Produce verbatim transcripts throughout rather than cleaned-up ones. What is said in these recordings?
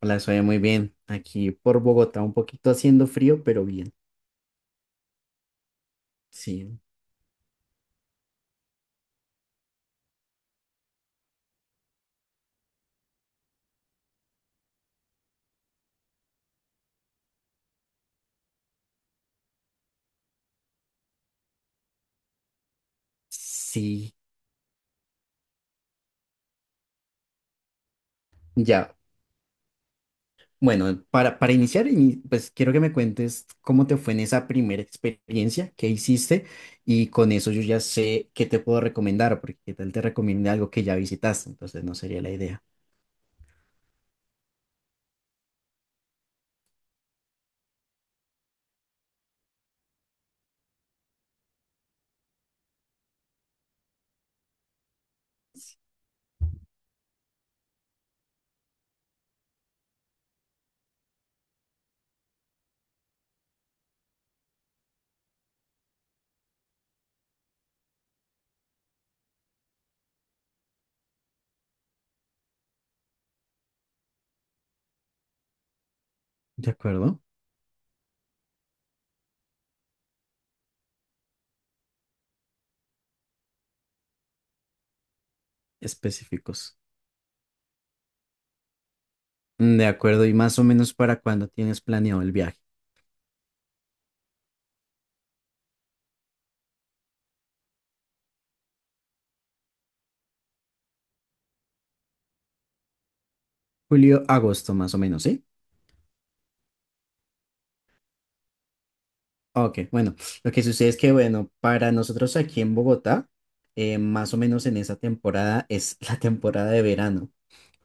Hola, soy muy bien. Aquí por Bogotá, un poquito haciendo frío, pero bien. Sí, sí, ya. Bueno, para, para iniciar, ini- pues quiero que me cuentes cómo te fue en esa primera experiencia, qué hiciste, y con eso yo ya sé qué te puedo recomendar, porque qué tal te recomiende algo que ya visitaste, entonces no sería la idea. ¿De acuerdo? Específicos. De acuerdo, ¿y más o menos para cuándo tienes planeado el viaje? Julio, agosto, más o menos, ¿sí? Ok, bueno, lo que sucede es que, bueno, para nosotros aquí en Bogotá, eh, más o menos en esa temporada es la temporada de verano,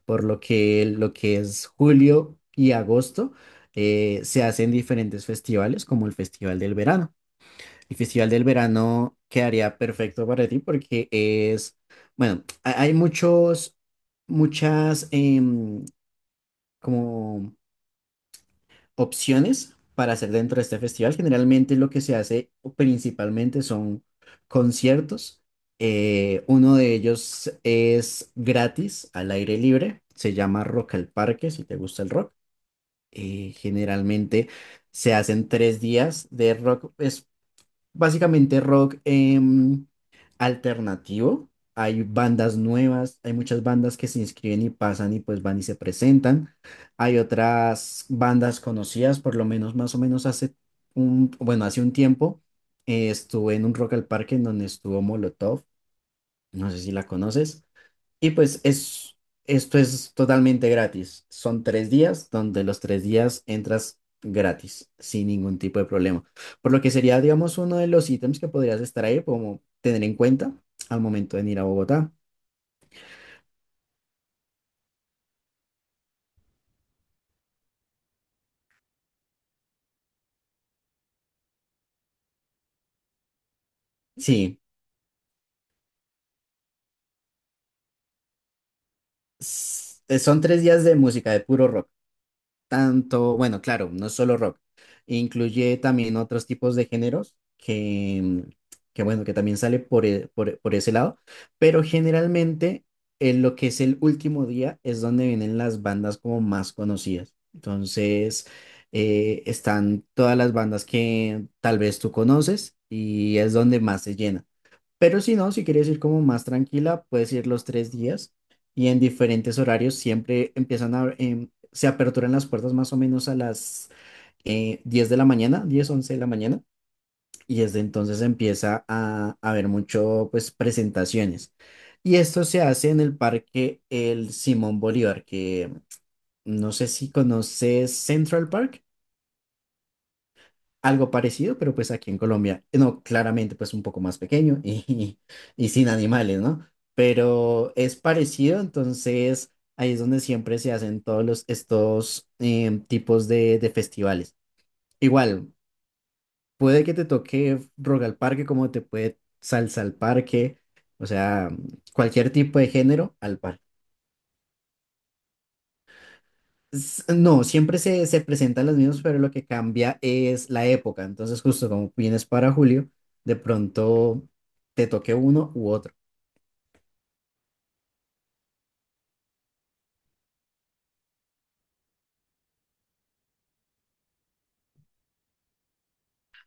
por lo que lo que es julio y agosto eh, se hacen diferentes festivales, como el Festival del Verano. El Festival del Verano quedaría perfecto para ti porque es, bueno, ha- hay muchos, muchas, em, como opciones para hacer dentro de este festival. Generalmente lo que se hace principalmente son conciertos. Eh, uno de ellos es gratis, al aire libre. Se llama Rock al Parque, si te gusta el rock. Eh, generalmente se hacen tres días de rock básicamente rock em, alternativo. Hay bandas nuevas, hay muchas bandas que se inscriben y pasan y pues van y se presentan. Hay otras bandas conocidas, por lo menos más o menos hace un, bueno, hace un tiempo eh, estuve en un Rock al Parque en donde estuvo Molotov. No sé si la conoces. Y pues es, esto es totalmente gratis. Son tres días donde los tres días entras gratis, sin ningún tipo de problema. Por lo que sería, digamos, uno de los ítems que podrías estar ahí, como tener en cuenta al momento de ir a Bogotá. Sí, s- son tres días de música, de puro rock. Tanto, bueno, claro, no solo rock, incluye también otros tipos de géneros que, mm, que bueno, que también sale por, e- por, por ese lado, pero generalmente en lo que es el último día es donde vienen las bandas como más conocidas. Entonces, eh, están todas las bandas que tal vez tú conoces y es donde más se llena. Pero si no, si quieres ir como más tranquila, puedes ir los tres días y en diferentes horarios siempre empiezan a, em, se aperturan las puertas más o menos a las eh, diez de la mañana, diez once de la mañana, y desde entonces empieza a a haber mucho, pues, presentaciones. Y esto se hace en el parque El Simón Bolívar, que no sé si conoces Central Park. Algo parecido, pero pues aquí en Colombia, no, claramente pues un poco más pequeño y, y sin animales, ¿no? Pero es parecido, entonces ahí es donde siempre se hacen todos los, estos em, tipos de, de festivales. Igual, puede que te toque rock al parque como te puede salsa al parque, o sea, cualquier tipo de género al parque. S- No, siempre se, se presentan los mismos, pero lo que cambia es la época. Entonces, justo como vienes para julio, de pronto te toque uno u otro.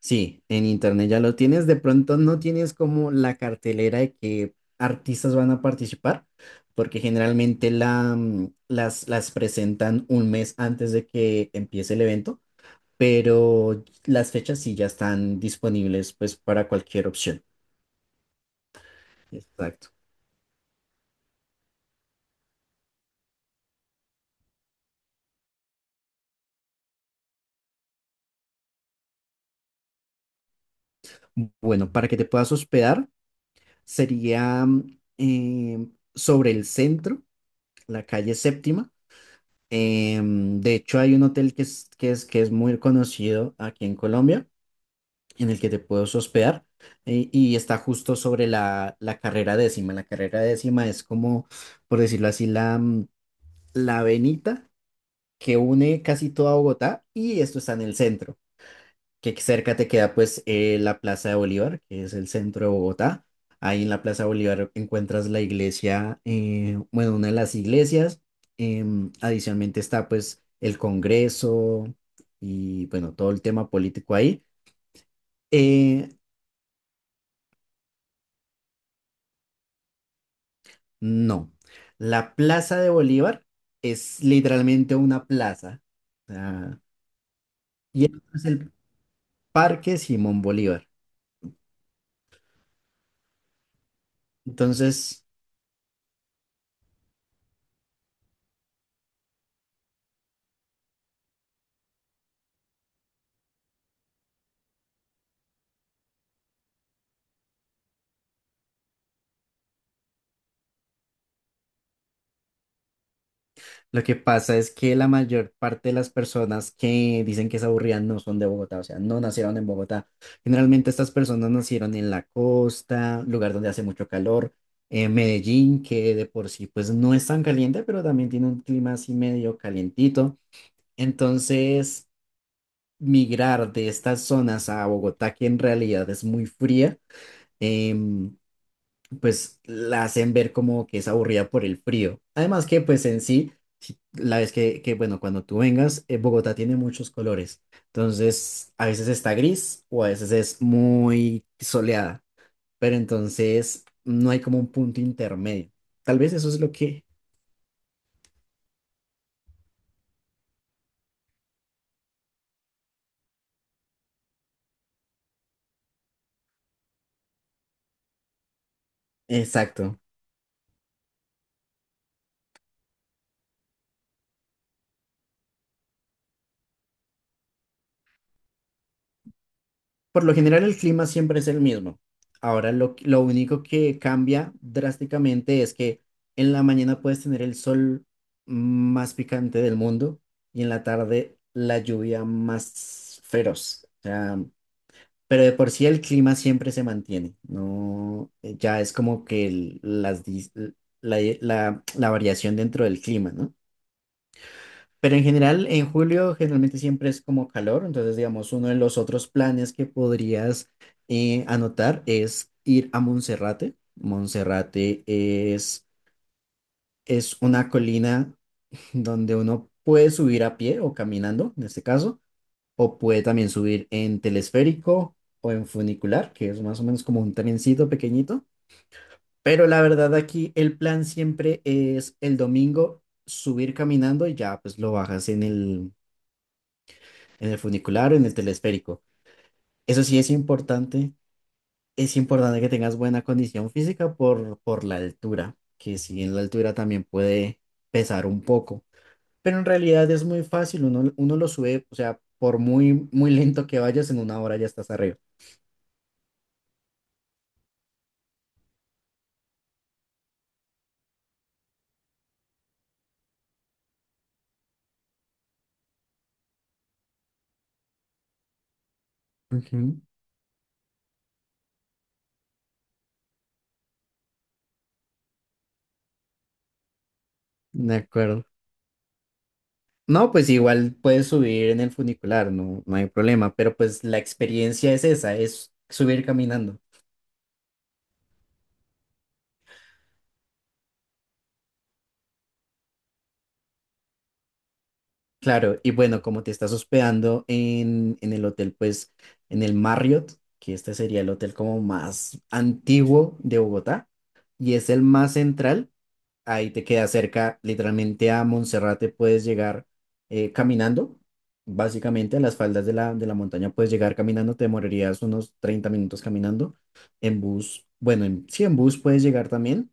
Sí, en internet ya lo tienes. De pronto no tienes como la cartelera de qué artistas van a participar, porque generalmente la, mm, las, las presentan un mes antes de que empiece el evento, pero las fechas sí ya están disponibles pues para cualquier opción. Exacto. Bueno, para que te puedas hospedar. Sería mm, eh, sobre el centro, la calle Séptima. Em, de hecho, hay un hotel que es, que es, que es muy conocido aquí en Colombia, en el que te puedes hospedar. eh, y está justo sobre la, la carrera décima. La carrera décima es como, por decirlo así, la, mm, la avenida que une casi toda Bogotá y esto está en el centro. Que cerca te queda pues eh, la Plaza de Bolívar, que es el centro de Bogotá. Ahí en la Plaza de Bolívar encuentras la iglesia, eh, bueno, una de las iglesias. Em, adicionalmente está pues el Congreso y bueno, todo el tema político ahí. Eh, no, la Plaza de Bolívar es literalmente una plaza. O sea, y el otro es el Parque Simón Bolívar. Entonces. Lo que pasa es que la mayor parte de las personas que dicen que es aburrida no son de Bogotá, o sea, no nacieron en Bogotá. Generalmente estas personas nacieron en la costa, lugar donde hace mucho calor, en Medellín, que de por sí pues no es tan caliente, pero también tiene un clima así medio calientito. Entonces, migrar de estas zonas a Bogotá, que en realidad es muy fría, em, pues la hacen ver como que es aburrida por el frío. Además que pues en sí, si- la vez que, que bueno, cuando tú vengas, eh, Bogotá tiene muchos colores. Entonces, a veces está gris o a veces es muy soleada, pero entonces no hay como un punto intermedio. Tal vez eso es lo que. Exacto. Por lo general el clima siempre es el mismo. Ahora lo, que- lo único que cambia drásticamente es que en la mañana puedes tener el sol más picante del mundo y en la tarde la lluvia más feroz. O sea, pero de por sí el clima siempre se mantiene. No, ya es como que el- las, dis- la, la la variación dentro del clima, ¿no? Pero en general, en julio generalmente siempre es como calor, entonces digamos, uno de los otros planes que podrías eh, anotar es ir a Monserrate. Monserrate es, es una colina donde uno puede subir a pie o caminando, en este caso, o puede también subir en telesférico o en funicular, que es más o menos como un trencito pequeñito. Pero la verdad aquí el plan siempre es el domingo subir caminando y ya pues lo bajas en el en el funicular o en el telesférico. Eso sí es importante. Es importante que tengas buena condición física por, por la altura, que si en la altura también puede pesar un poco. Pero en realidad es muy fácil, uno, uno lo sube, o sea, por muy, muy lento que vayas, en una hora ya estás arriba. Ujú. De acuerdo. No, pues igual puedes subir en el funicular, no, no hay problema, pero pues la experiencia es esa, es subir caminando. Claro, y bueno, como te estás hospedando en, en el hotel, pues en el Marriott, que este sería el hotel como más antiguo de Bogotá y es el más central, ahí te queda cerca, literalmente a Monserrate puedes llegar eh, caminando, básicamente a las faldas de la, de la montaña puedes llegar caminando, te demorarías unos treinta minutos caminando, en bus, bueno, en, sí, en bus puedes llegar también,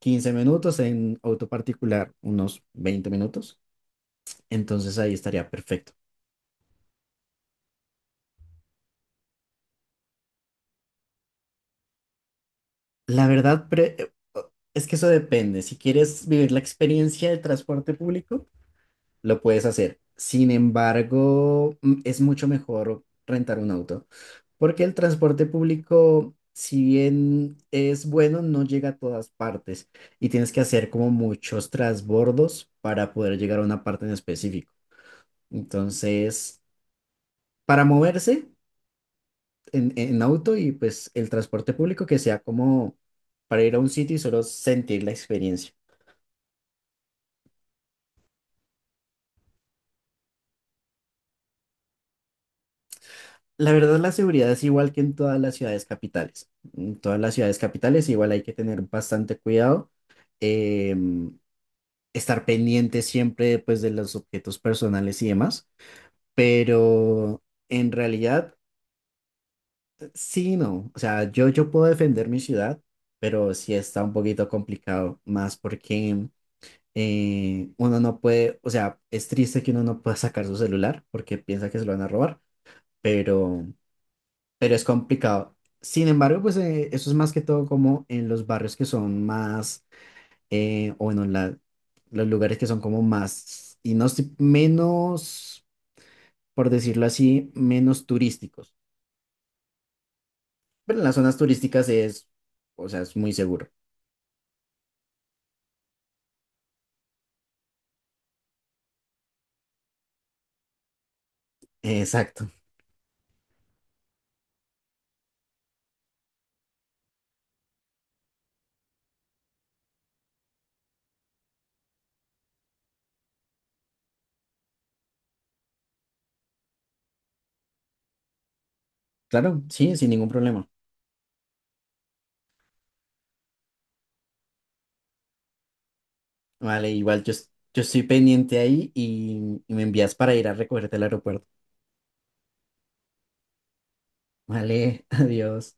quince minutos, en auto particular unos veinte minutos, entonces ahí estaría perfecto. La verdad, pre- es que eso depende. Si quieres vivir la experiencia del transporte público, lo puedes hacer. Sin embargo, mm, es mucho mejor rentar un auto, porque el transporte público, si bien es bueno, no llega a todas partes y tienes que hacer como muchos transbordos para poder llegar a una parte en específico. Entonces, para moverse en, en auto y pues el transporte público que sea como para ir a un sitio y solo sentir la experiencia. La verdad, la seguridad es igual que en todas las ciudades capitales. En todas las ciudades capitales igual hay que tener bastante cuidado, em, estar pendiente siempre pues de los objetos personales y demás, pero en realidad sí, no. O sea, yo, yo puedo defender mi ciudad, pero sí está un poquito complicado, más porque eh, uno no puede, o sea, es triste que uno no pueda sacar su celular porque piensa que se lo van a robar, pero. Pero es complicado. Sin embargo, pues eh, eso es más que todo como en los barrios que son más, eh, o bueno, en la- los lugares que son como más, y no sé, menos, por decirlo así, menos turísticos. Pero en las zonas turísticas es, o sea, es muy seguro. Exacto. Claro, sí, sin ningún problema. Vale, igual yo, es- yo estoy pendiente ahí y, y me envías para ir a recogerte al aeropuerto. Vale, adiós.